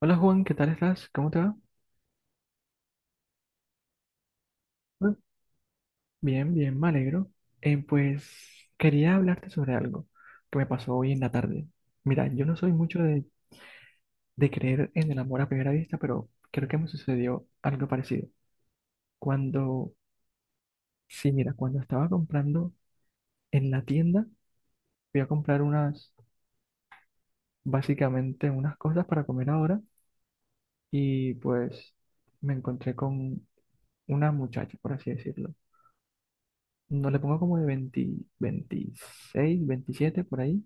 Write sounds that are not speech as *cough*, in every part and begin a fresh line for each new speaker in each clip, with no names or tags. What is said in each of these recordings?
Hola Juan, ¿qué tal estás? ¿Cómo te va? Mm. Bien, bien, me alegro. Pues quería hablarte sobre algo que me pasó hoy en la tarde. Mira, yo no soy mucho de creer en el amor a primera vista, pero creo que me sucedió algo parecido. Cuando, sí, mira, cuando estaba comprando en la tienda, fui a comprar básicamente unas cosas para comer ahora y pues me encontré con una muchacha, por así decirlo. No le pongo como de 20, veintiséis, 27 por ahí.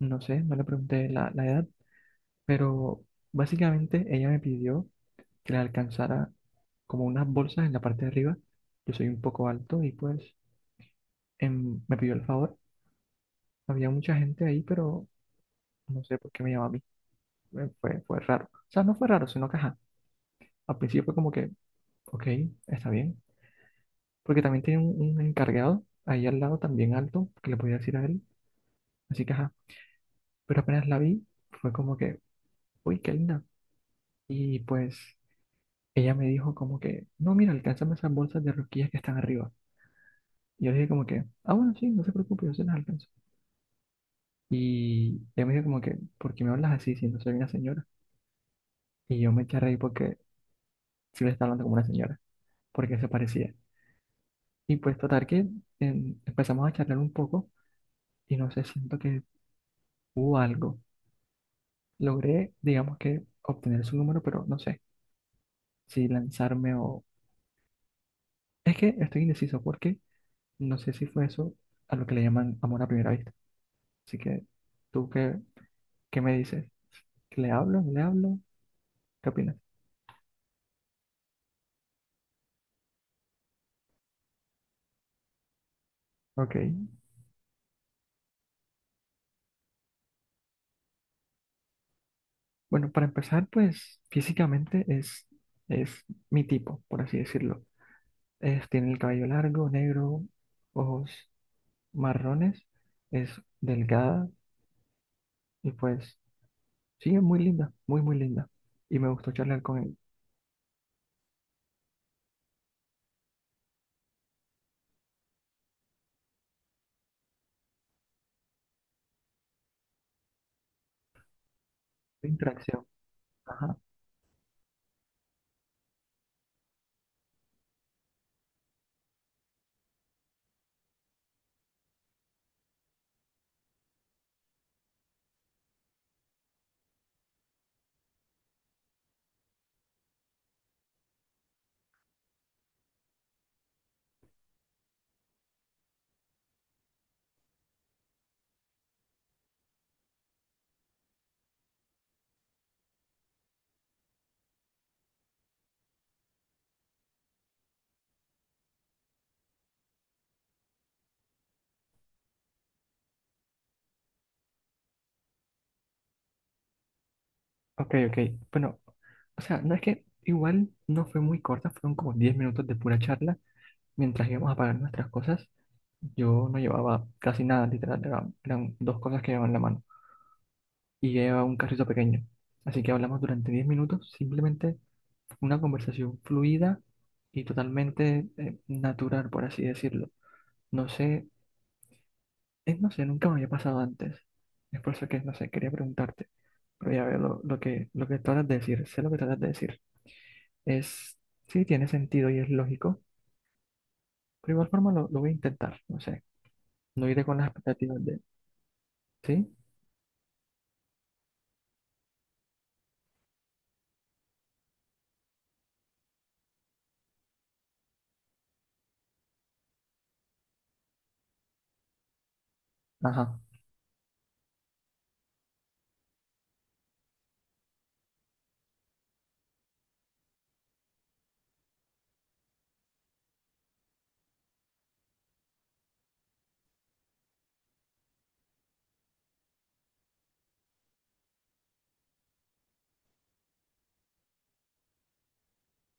No sé, no le pregunté la edad, pero básicamente ella me pidió que le alcanzara como unas bolsas en la parte de arriba. Yo soy un poco alto y pues me pidió el favor. Había mucha gente ahí, pero no sé por qué me llamó a mí. Fue raro. O sea, no fue raro, sino que ajá. Al principio fue como que, ok, está bien. Porque también tiene un encargado ahí al lado, también alto, que le podía decir a él. Así que ajá. Pero apenas la vi, fue como que uy, qué linda. Y pues ella me dijo como que, no, mira, alcánzame esas bolsas de rosquillas que están arriba. Y yo le dije como que, ah, bueno, sí, no se preocupe, yo se las alcanzo. Y ella me dijo como que, ¿por qué me hablas así si no soy una señora? Y yo me eché a reír porque sí le estaba hablando como una señora, porque se parecía. Y pues total que empezamos a charlar un poco y no sé, siento que hubo algo. Logré, digamos que, obtener su número, pero no sé si lanzarme o... Es que estoy indeciso porque... No sé si fue eso a lo que le llaman amor a primera vista. Así que, ¿tú qué me dices? ¿Le hablo? ¿No le hablo? ¿Qué opinas? Ok. Bueno, para empezar, pues físicamente es mi tipo, por así decirlo. Es, tiene el cabello largo, negro, ojos marrones, es delgada y pues sí, es muy linda, muy, muy linda. Y me gustó charlar con él. Fue interacción. Ajá. Ok, ok. Bueno, o sea, no es que igual no fue muy corta, fueron como 10 minutos de pura charla mientras íbamos a pagar nuestras cosas. Yo no llevaba casi nada, literal, eran dos cosas que llevaba en la mano y yo llevaba un carrito pequeño. Así que hablamos durante 10 minutos, simplemente una conversación fluida y totalmente natural, por así decirlo. No sé, no sé, nunca me había pasado antes. Es por eso que, no sé, quería preguntarte, pero ya veo lo que tratas de decir, sé lo que tratas de decir. Es, sí, tiene sentido y es lógico, pero igual forma lo voy a intentar, no sé, no iré con las expectativas de, ¿sí? Ajá,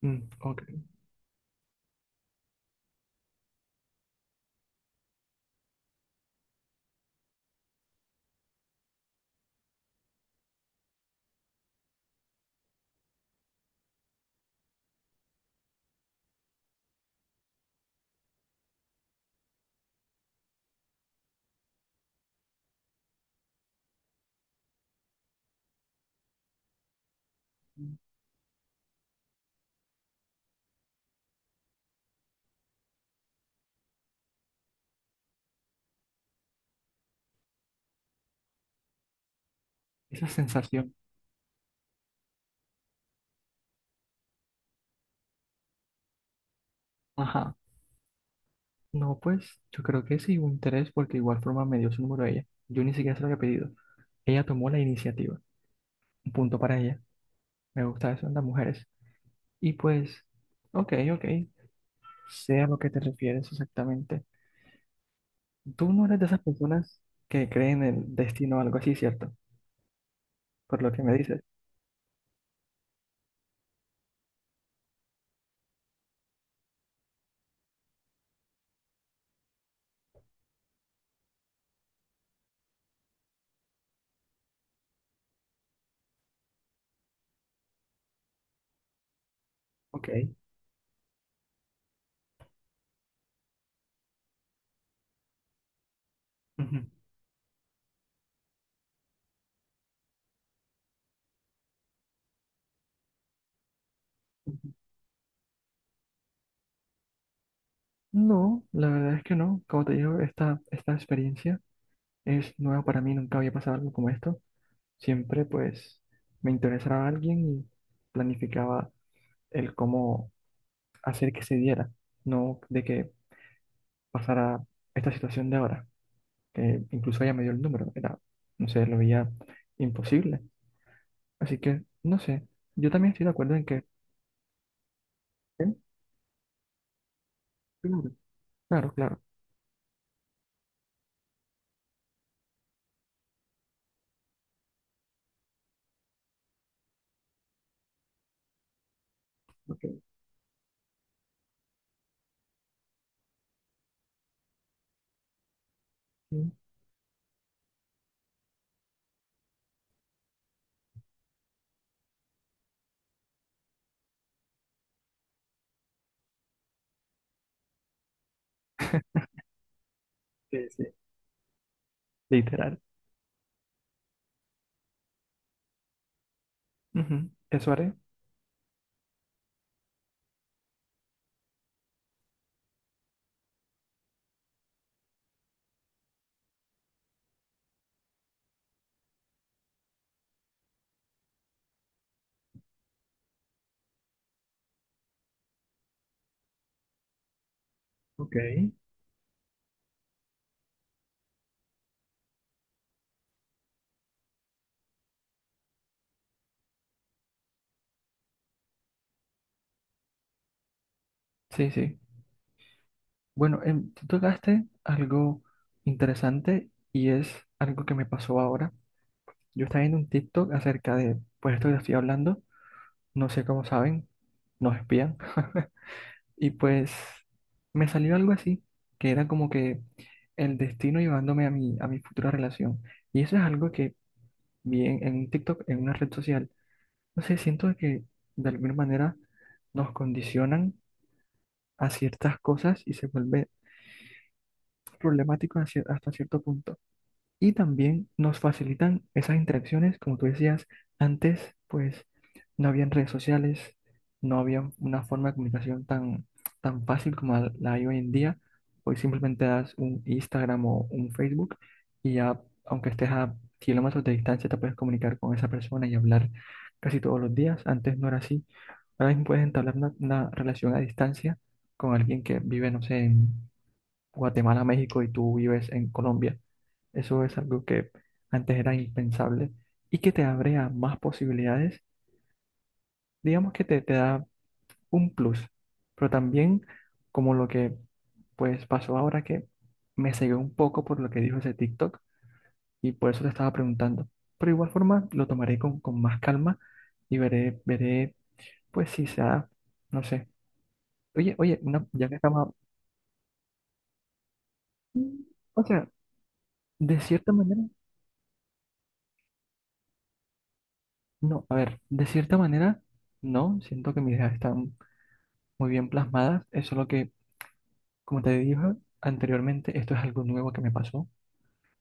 mm, ok, esa sensación, ajá, no, pues yo creo que sí hubo interés porque igual forma me dio su número a ella, yo ni siquiera se lo había pedido, ella tomó la iniciativa, un punto para ella, me gusta eso en las mujeres, y pues, ok, ok, sé a lo que te refieres exactamente, tú no eres de esas personas que creen en el destino o algo así, ¿cierto? Por lo que me dices, ok. Ujú. No, la verdad es que no. Como te digo, esta experiencia es nueva para mí, nunca había pasado algo como esto. Siempre pues me interesaba alguien y planificaba el cómo hacer que se diera, no de que pasara esta situación de ahora, que incluso ella me dio el número, era, no sé, lo veía imposible. Así que, no sé, yo también estoy de acuerdo en que... ¿Eh? Claro, claro, claro. Ok. Sí, sí, sí. Literal. Ujú. Eso haré. Ok. Sí, sí. Bueno, tú tocaste algo interesante y es algo que me pasó ahora. Yo estaba viendo un TikTok acerca de, pues esto que estoy hablando, no sé cómo saben, nos espían. *laughs* Y pues me salió algo así, que era como que el destino llevándome a a mi futura relación. Y eso es algo que vi en un TikTok, en una red social. No sé, siento que de alguna manera nos condicionan a ciertas cosas y se vuelve problemático hasta cierto punto. Y también nos facilitan esas interacciones, como tú decías, antes pues no habían redes sociales, no había una forma de comunicación tan, tan fácil como la hay hoy en día. Hoy simplemente das un Instagram o un Facebook y ya, aunque estés a kilómetros de distancia, te puedes comunicar con esa persona y hablar casi todos los días. Antes no era así. Ahora mismo puedes entablar una relación a distancia con alguien que vive, no sé, en Guatemala, México y tú vives en Colombia. Eso es algo que antes era impensable y que te abre a más posibilidades. Digamos que te da un plus, pero también como lo que pues pasó ahora que me cegué un poco por lo que dijo ese TikTok y por eso te estaba preguntando. Pero igual forma lo tomaré con más calma y veré pues si se da, no sé. Oye, oye, ya que estamos, o sea, de cierta manera. No, a ver, de cierta manera, no, siento que mis ideas están muy bien plasmadas, es solo que, como te dije anteriormente, esto es algo nuevo que me pasó,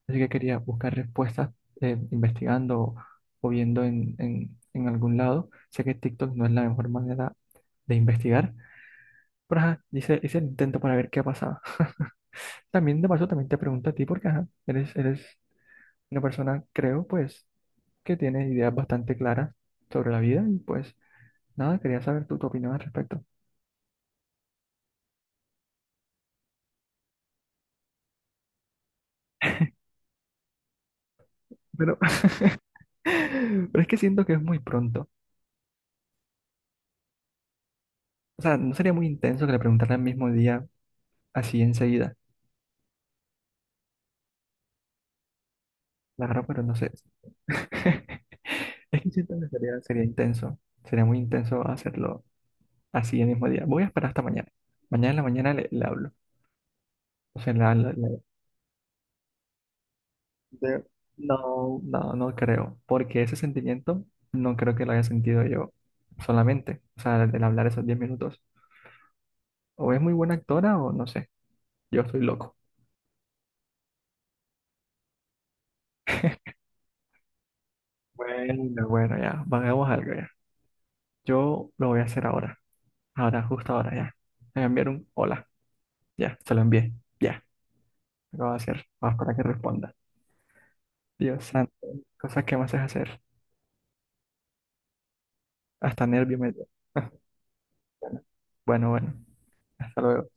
así que quería buscar respuestas investigando o viendo en algún lado. Sé que TikTok no es la mejor manera de investigar, pero ajá, hice el intento para ver qué pasaba. *laughs* También de paso, también te pregunto a ti, porque ajá, eres una persona, creo, pues, que tiene ideas bastante claras sobre la vida y pues nada, quería saber tu opinión al respecto. Pero, *laughs* pero es que siento que es muy pronto. O sea, no sería muy intenso que le preguntara el mismo día, así enseguida. La verdad, pero no sé. *laughs* Es que siento que sería intenso. Sería muy intenso hacerlo así el mismo día. Voy a esperar hasta mañana. Mañana en la mañana le hablo. O sea, de- no, no, no creo. Porque ese sentimiento no creo que lo haya sentido yo solamente. O sea, el hablar esos 10 minutos. O es muy buena actora o no sé. Yo estoy loco. Bueno, bueno, ya. Hagamos algo ya. Yo lo voy a hacer ahora. Ahora, justo ahora, ya. Me enviaron un hola. Ya, se lo envié. Ya, lo voy a hacer. Vamos para que responda. Dios santo, cosas que me haces hacer. Hasta nervio me dio. *laughs* Bueno, bueno. Hasta luego.